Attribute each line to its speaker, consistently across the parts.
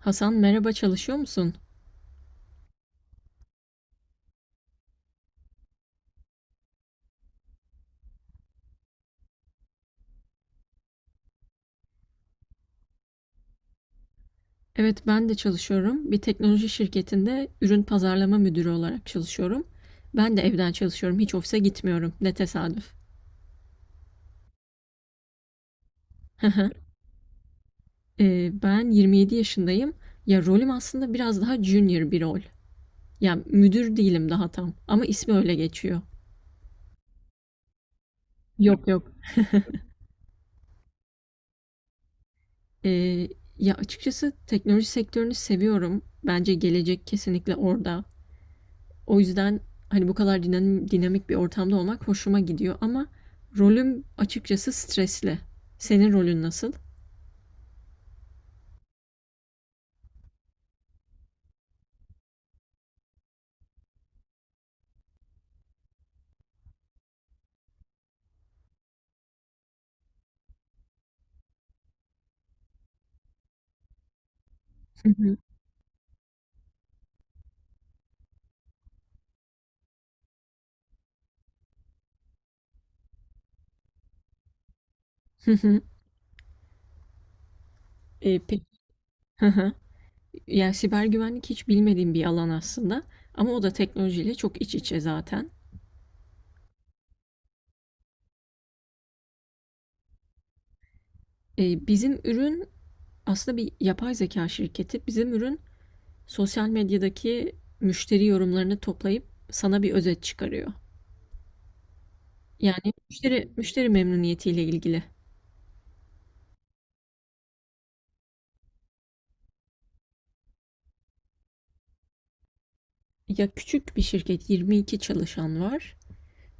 Speaker 1: Hasan merhaba, çalışıyor musun? Evet, ben de çalışıyorum. Bir teknoloji şirketinde ürün pazarlama müdürü olarak çalışıyorum. Ben de evden çalışıyorum. Hiç ofise gitmiyorum. Ne tesadüf. Ben 27 yaşındayım. Ya rolüm aslında biraz daha junior bir rol. Yani müdür değilim daha tam. Ama ismi öyle geçiyor. Yok yok. Ee, Ya açıkçası teknoloji sektörünü seviyorum. Bence gelecek kesinlikle orada. O yüzden hani bu kadar dinamik bir ortamda olmak hoşuma gidiyor, ama rolüm açıkçası stresli. Senin rolün nasıl? Hı hı. Hı hı. Peki. Hı hı. Yani siber güvenlik hiç bilmediğim bir alan aslında, ama o da teknolojiyle çok iç içe zaten. Bizim ürün aslında bir yapay zeka şirketi. Bizim ürün sosyal medyadaki müşteri yorumlarını toplayıp sana bir özet çıkarıyor. Yani müşteri memnuniyetiyle ilgili. Ya küçük bir şirket, 22 çalışan var.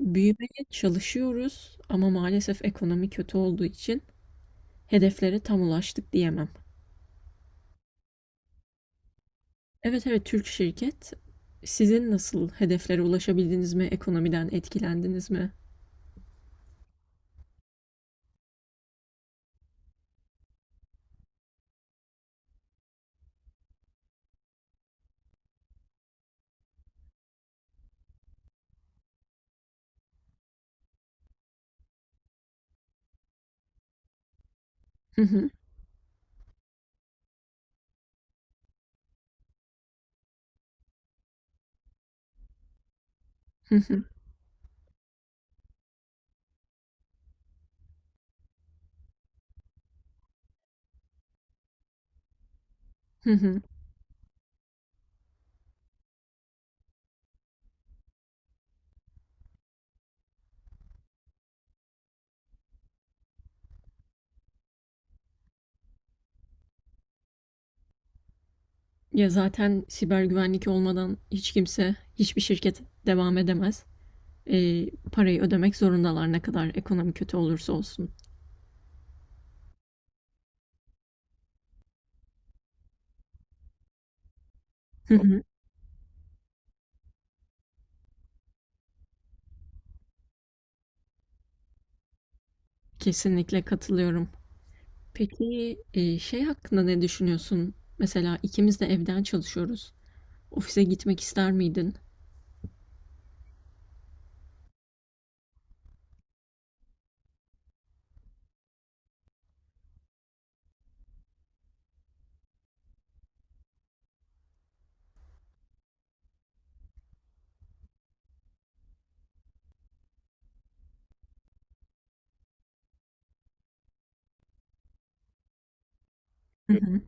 Speaker 1: Büyümeye çalışıyoruz, ama maalesef ekonomi kötü olduğu için hedeflere tam ulaştık diyemem. Evet evet, Türk şirket. Sizin nasıl, hedeflere ulaşabildiniz mi? Ekonomiden etkilendiniz mi? Hı hı, hı hı, hı hı. Ya zaten siber güvenlik olmadan hiç kimse, hiçbir şirket devam edemez. Parayı ödemek zorundalar ne kadar ekonomi kötü olursa olsun. Hı hı. Kesinlikle katılıyorum. Peki şey hakkında ne düşünüyorsun? Mesela ikimiz de evden çalışıyoruz. Ofise gitmek ister miydin? Hı hı.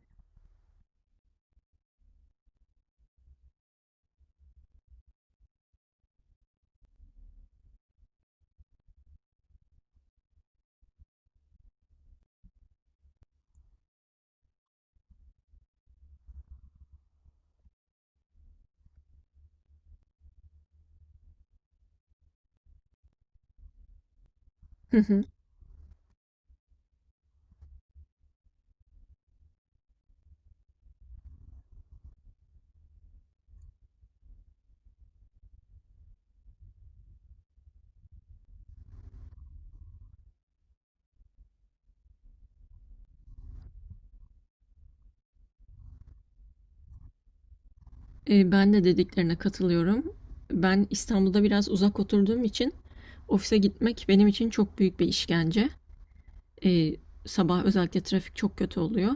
Speaker 1: Hı hı. Ben de dediklerine katılıyorum. Ben İstanbul'da biraz uzak oturduğum için ofise gitmek benim için çok büyük bir işkence. E, Sabah özellikle trafik çok kötü oluyor.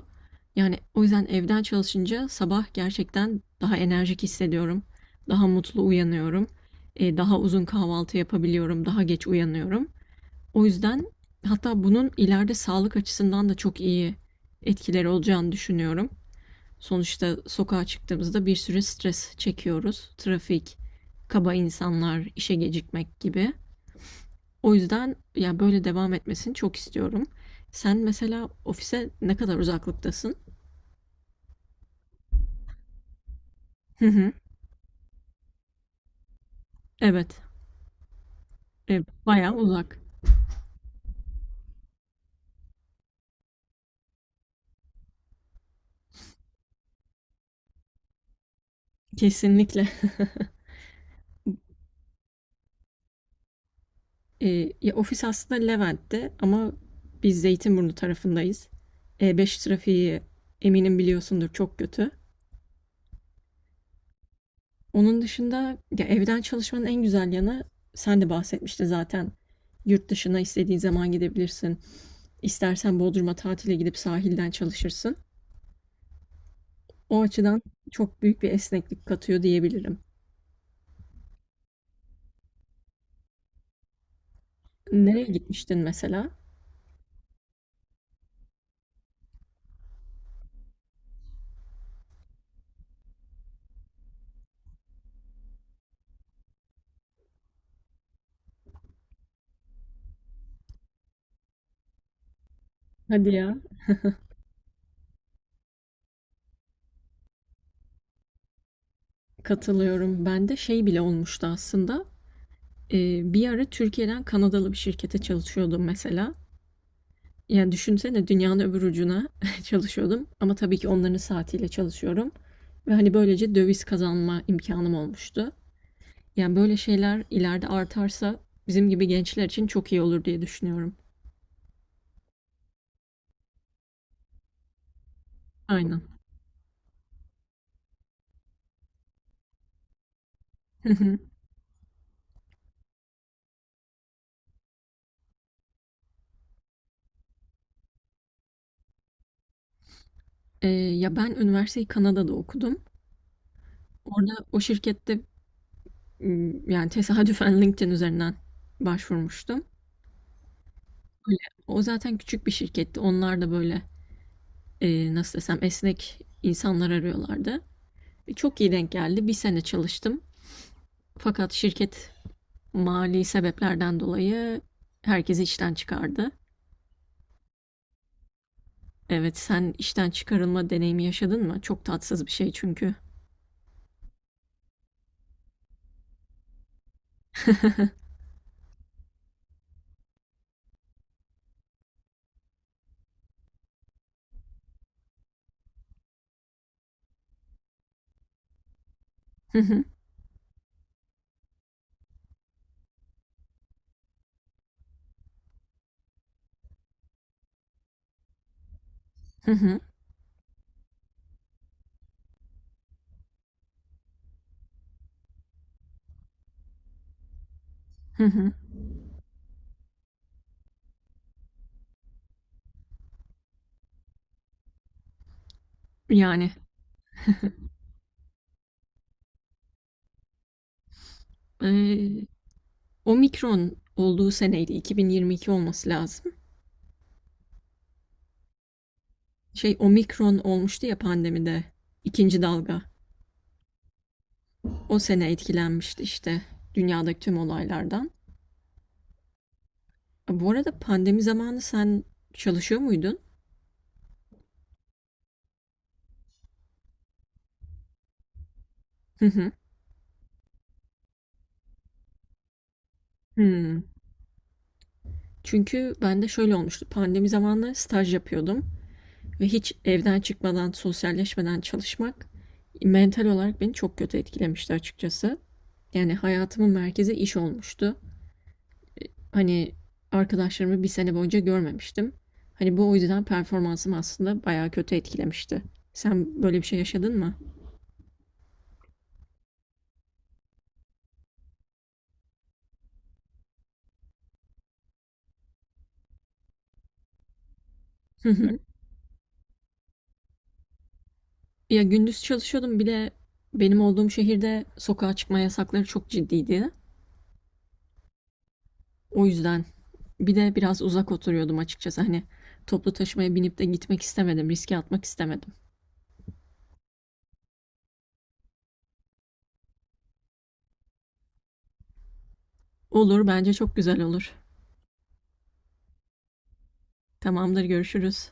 Speaker 1: Yani o yüzden evden çalışınca sabah gerçekten daha enerjik hissediyorum. Daha mutlu uyanıyorum. Daha uzun kahvaltı yapabiliyorum. Daha geç uyanıyorum. O yüzden hatta bunun ileride sağlık açısından da çok iyi etkileri olacağını düşünüyorum. Sonuçta sokağa çıktığımızda bir sürü stres çekiyoruz. Trafik, kaba insanlar, işe gecikmek gibi. O yüzden yani böyle devam etmesini çok istiyorum. Sen mesela ofise ne kadar uzaklıktasın? Hı hı. Evet. Bayağı uzak. Kesinlikle. E, Ya ofis aslında Levent'te, ama biz Zeytinburnu tarafındayız. E5 trafiği eminim biliyorsundur, çok kötü. Onun dışında ya evden çalışmanın en güzel yanı, sen de bahsetmiştin zaten. Yurt dışına istediğin zaman gidebilirsin. İstersen Bodrum'a tatile gidip sahilden çalışırsın. O açıdan çok büyük bir esneklik katıyor diyebilirim. Nereye gitmiştin mesela? Hadi ya, katılıyorum. Ben de şey bile olmuştu aslında. Bir ara Türkiye'den Kanadalı bir şirkete çalışıyordum mesela. Yani düşünsene, dünyanın öbür ucuna çalışıyordum, ama tabii ki onların saatiyle çalışıyorum. Ve hani böylece döviz kazanma imkanım olmuştu. Yani böyle şeyler ileride artarsa bizim gibi gençler için çok iyi olur diye düşünüyorum. Aynen. Ya ben üniversiteyi Kanada'da okudum. Orada o şirkette yani tesadüfen LinkedIn üzerinden başvurmuştum. Öyle. O zaten küçük bir şirketti. Onlar da böyle nasıl desem esnek insanlar arıyorlardı. Çok iyi denk geldi. Bir sene çalıştım. Fakat şirket mali sebeplerden dolayı herkesi işten çıkardı. Evet, sen işten çıkarılma deneyimi yaşadın mı? Çok tatsız bir şey çünkü. Hı hı, hı hı, hı hı. Yani eee Omikron olduğu seneydi, 2022 olması lazım. Şey Omikron olmuştu ya, pandemide ikinci dalga. O sene etkilenmişti işte dünyadaki tüm olaylardan. Bu arada pandemi zamanı sen çalışıyor muydun? Hı hı. Hmm. Çünkü ben de şöyle olmuştu. Pandemi zamanları staj yapıyordum ve hiç evden çıkmadan, sosyalleşmeden çalışmak mental olarak beni çok kötü etkilemişti açıkçası. Yani hayatımın merkezi iş olmuştu. Hani arkadaşlarımı bir sene boyunca görmemiştim. Hani bu o yüzden performansım aslında bayağı kötü etkilemişti. Sen böyle bir şey yaşadın mı? Ya gündüz çalışıyordum, bir de benim olduğum şehirde sokağa çıkma yasakları çok ciddiydi. O yüzden bir de biraz uzak oturuyordum açıkçası. Hani toplu taşımaya binip de gitmek istemedim. Riske atmak istemedim. Olur, bence çok güzel olur. Tamamdır, görüşürüz.